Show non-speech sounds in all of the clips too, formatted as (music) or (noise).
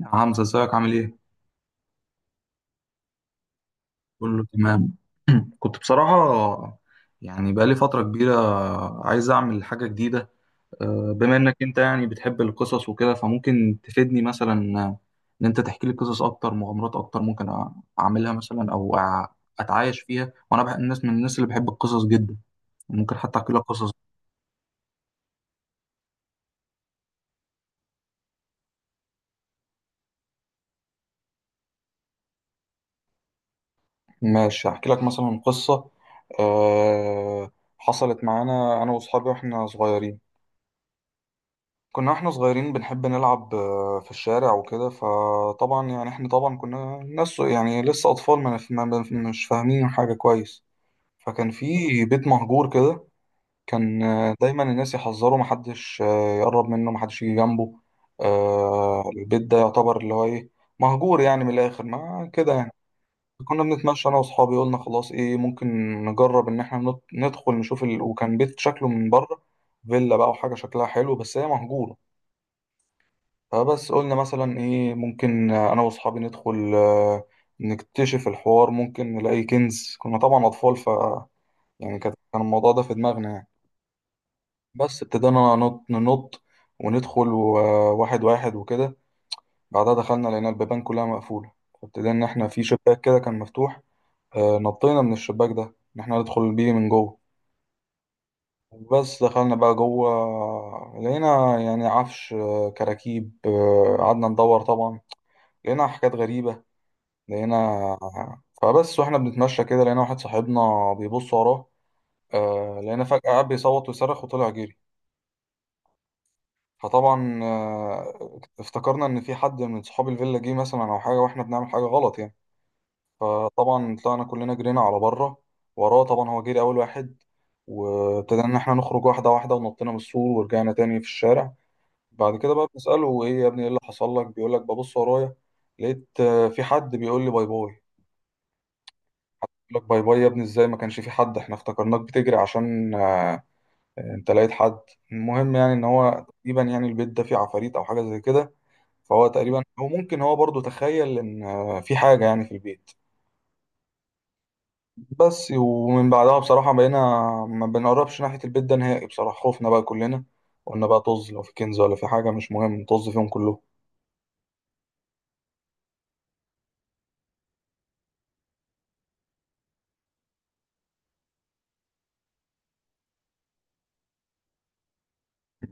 يا حمزة ازيك عامل ايه؟ كله تمام. (clears throat) كنت بصراحة، يعني بقالي فترة كبيرة عايز أعمل حاجة جديدة. بما إنك أنت يعني بتحب القصص وكده فممكن تفيدني مثلا، إن أنت تحكي لي قصص أكتر، مغامرات أكتر. ممكن أعملها مثلا أو أتعايش فيها، وأنا بحب الناس، من الناس اللي بحب القصص جدا. ممكن حتى أحكي لك قصص. ماشي، أحكي لك مثلا قصة، آه، حصلت معانا أنا وأصحابي وإحنا صغيرين. احنا صغيرين بنحب نلعب، في الشارع وكده. فطبعا يعني احنا طبعا كنا ناس، يعني لسه اطفال، ما نف- ما- ما- مش فاهمين حاجة كويس. فكان في بيت مهجور كده. كان دايما الناس يحذروا، محدش يقرب منه، محدش يجي جنبه. البيت ده يعتبر اللي هو ايه، مهجور يعني، من الاخر ما كده يعني. كنا بنتمشى انا واصحابي، قلنا خلاص ايه، ممكن نجرب ان احنا ندخل نشوف وكان بيت شكله من بره فيلا بقى، وحاجة شكلها حلو، بس هي مهجورة. فبس قلنا مثلا ايه، ممكن انا واصحابي ندخل، نكتشف الحوار، ممكن نلاقي كنز. كنا طبعا اطفال، ف يعني كان الموضوع ده في دماغنا يعني. بس ابتدينا ننط ننط وندخل واحد واحد وكده. بعدها دخلنا لقينا البيبان كلها مقفولة، فابتدينا ان احنا في شباك كده كان مفتوح، نطينا من الشباك ده، ان احنا ندخل بيه من جوه. بس دخلنا بقى جوه، لقينا يعني عفش، كراكيب. قعدنا ندور طبعا، لقينا حاجات غريبة. لقينا، فبس واحنا بنتمشى كده لقينا واحد صاحبنا بيبص وراه، آه لقينا فجأة قاعد بيصوت ويصرخ وطلع جري. فطبعا آه افتكرنا ان في حد من صحاب الفيلا جه مثلا او حاجة، واحنا بنعمل حاجة غلط يعني. فطبعا طلعنا كلنا جرينا على بره وراه، طبعا هو جري اول واحد. وابتدينا ان احنا نخرج واحدة واحدة، ونطينا من السور ورجعنا تاني في الشارع. بعد كده بقى بنسأله، ايه يا ابني ايه اللي حصل لك؟ بيقول لك، ببص ورايا لقيت، في حد بيقول لي باي باي. لك باي باي يا ابني ازاي، ما كانش في حد، احنا افتكرناك بتجري عشان انت لقيت حد. المهم يعني ان هو تقريبا يعني البيت ده فيه عفاريت او حاجه زي كده. فهو تقريبا، او ممكن هو برضو تخيل ان في حاجه يعني في البيت. بس ومن بعدها بصراحه بقينا ما بنقربش ناحيه البيت ده نهائي. بصراحه خوفنا بقى كلنا، قلنا بقى طز لو في كنز ولا في حاجه، مش مهم، نطز فيهم كلهم.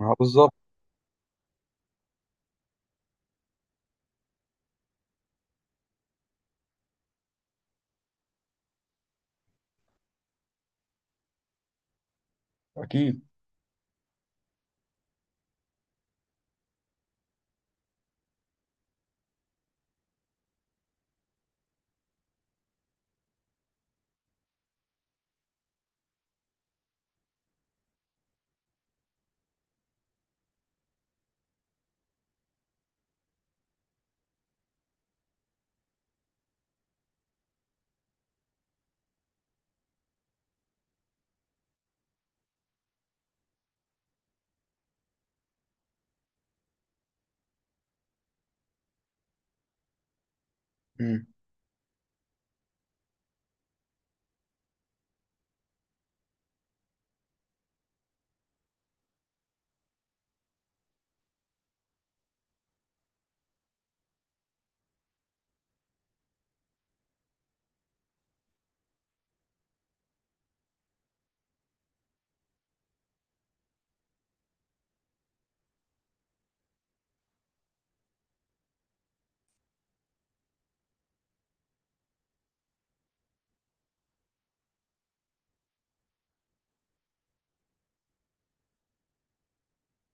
بالظبط. اكيد. امم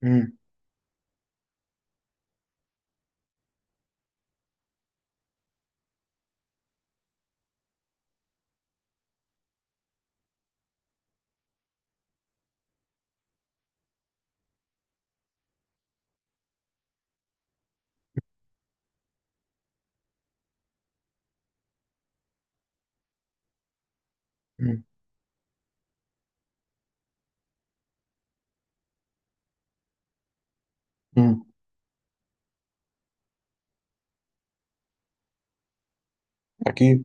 امم امم اكيد.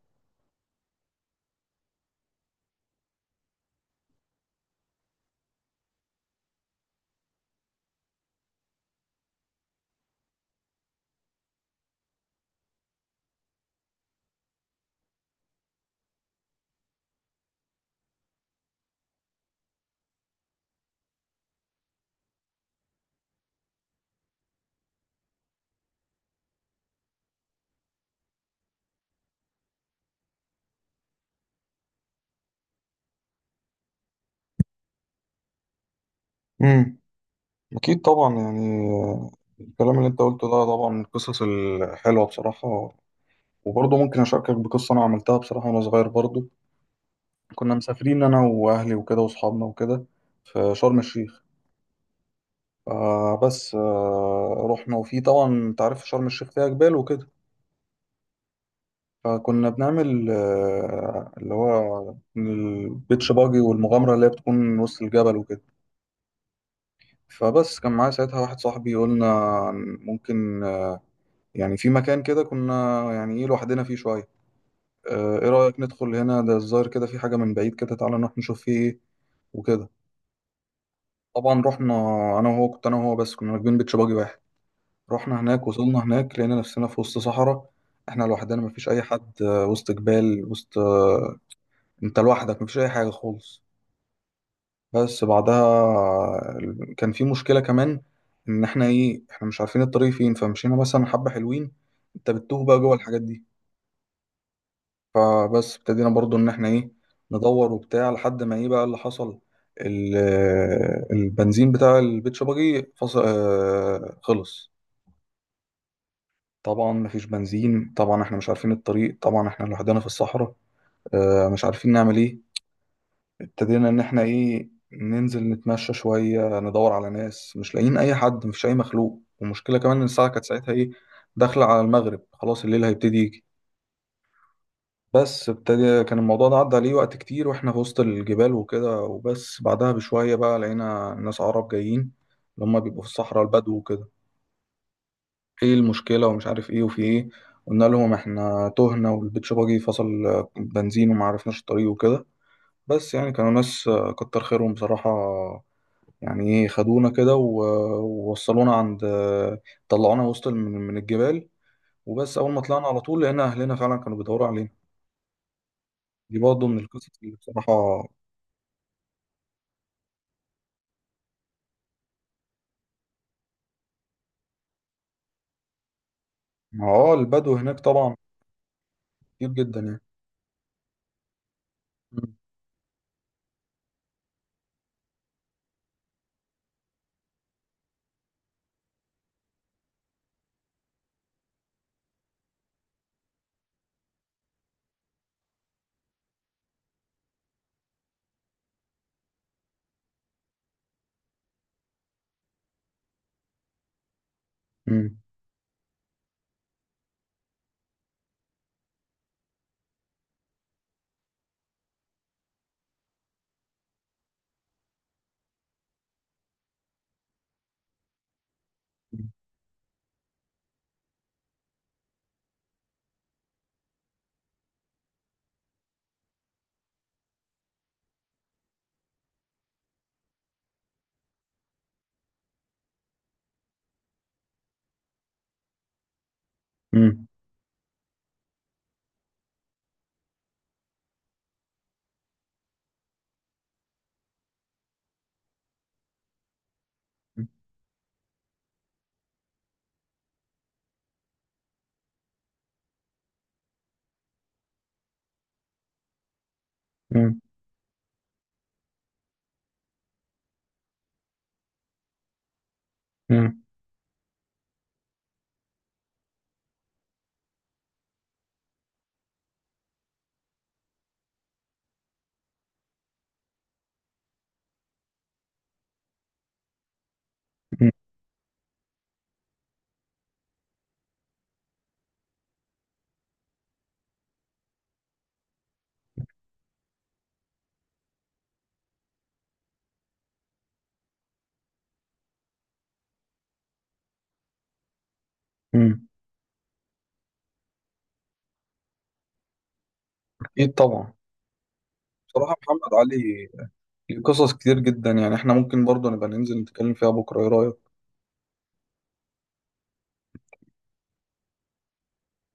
مم. أكيد طبعا يعني، الكلام اللي أنت قلته ده طبعا من القصص الحلوة بصراحة. وبرضه ممكن أشاركك بقصة أنا عملتها بصراحة وأنا صغير برضه. كنا مسافرين أنا وأهلي وكده وأصحابنا وكده في شرم الشيخ. فبس رحنا، وفي طبعا أنت عارف شرم الشيخ فيها جبال وكده. فكنا بنعمل اللي هو البيتش باجي، والمغامرة اللي هي بتكون وسط الجبل وكده. فبس كان معايا ساعتها واحد صاحبي، قلنا ممكن، يعني في مكان كده كنا يعني ايه لوحدنا فيه شوية، ايه رأيك ندخل هنا، ده الظاهر كده في حاجة من بعيد كده، تعالى نروح نشوف فيه ايه وكده. طبعا رحنا انا وهو، كنت انا وهو بس، كنا راكبين بيتش باجي واحد. رحنا هناك، وصلنا هناك لقينا نفسنا في وسط صحراء، احنا لوحدنا مفيش اي حد، وسط جبال وسط، انت لوحدك مفيش اي حاجة خالص. بس بعدها، كان في مشكلة كمان، ان احنا ايه احنا مش عارفين الطريق فين. فمشينا مثلا حبة حلوين، انت بتتوه بقى جوه الحاجات دي. فبس ابتدينا برضو ان احنا ايه ندور وبتاع، لحد ما ايه بقى اللي حصل، ال- البنزين بتاع البيت شباجي فص... آه، خلص. طبعا مفيش بنزين، طبعا احنا مش عارفين الطريق، طبعا احنا لوحدنا في الصحراء، مش عارفين نعمل ايه. ابتدينا ان احنا ايه ننزل نتمشى شوية ندور على ناس، مش لاقيين اي حد، مفيش اي مخلوق. والمشكلة كمان ان الساعة كانت ساعتها ايه، داخلة على المغرب، خلاص الليل هيبتدي يجي. بس ابتدى كان الموضوع ده عدى عليه وقت كتير واحنا في وسط الجبال وكده. وبس بعدها بشوية بقى لقينا ناس عرب جايين، اللي هم بيبقوا في الصحراء البدو وكده. ايه المشكلة ومش عارف ايه وفي ايه، قلنا لهم احنا تهنا والبيتش باجي فصل بنزين وما عرفناش الطريق وكده. بس يعني كانوا ناس كتر خيرهم بصراحة. يعني ايه خدونا كده ووصلونا عند، طلعونا وسط من الجبال. وبس أول ما طلعنا على طول لقينا أهلنا فعلا كانوا بيدوروا علينا. دي برضه من القصص اللي بصراحة. ما هو البدو هناك طبعا كتير جدا يعني. مم. مم. مم. مم. مم. مم. أكيد طبعا. بصراحة محمد علي ليه قصص كتير جدا يعني، احنا ممكن برضه نبقى ننزل نتكلم فيها بكرة، ايه رأيك؟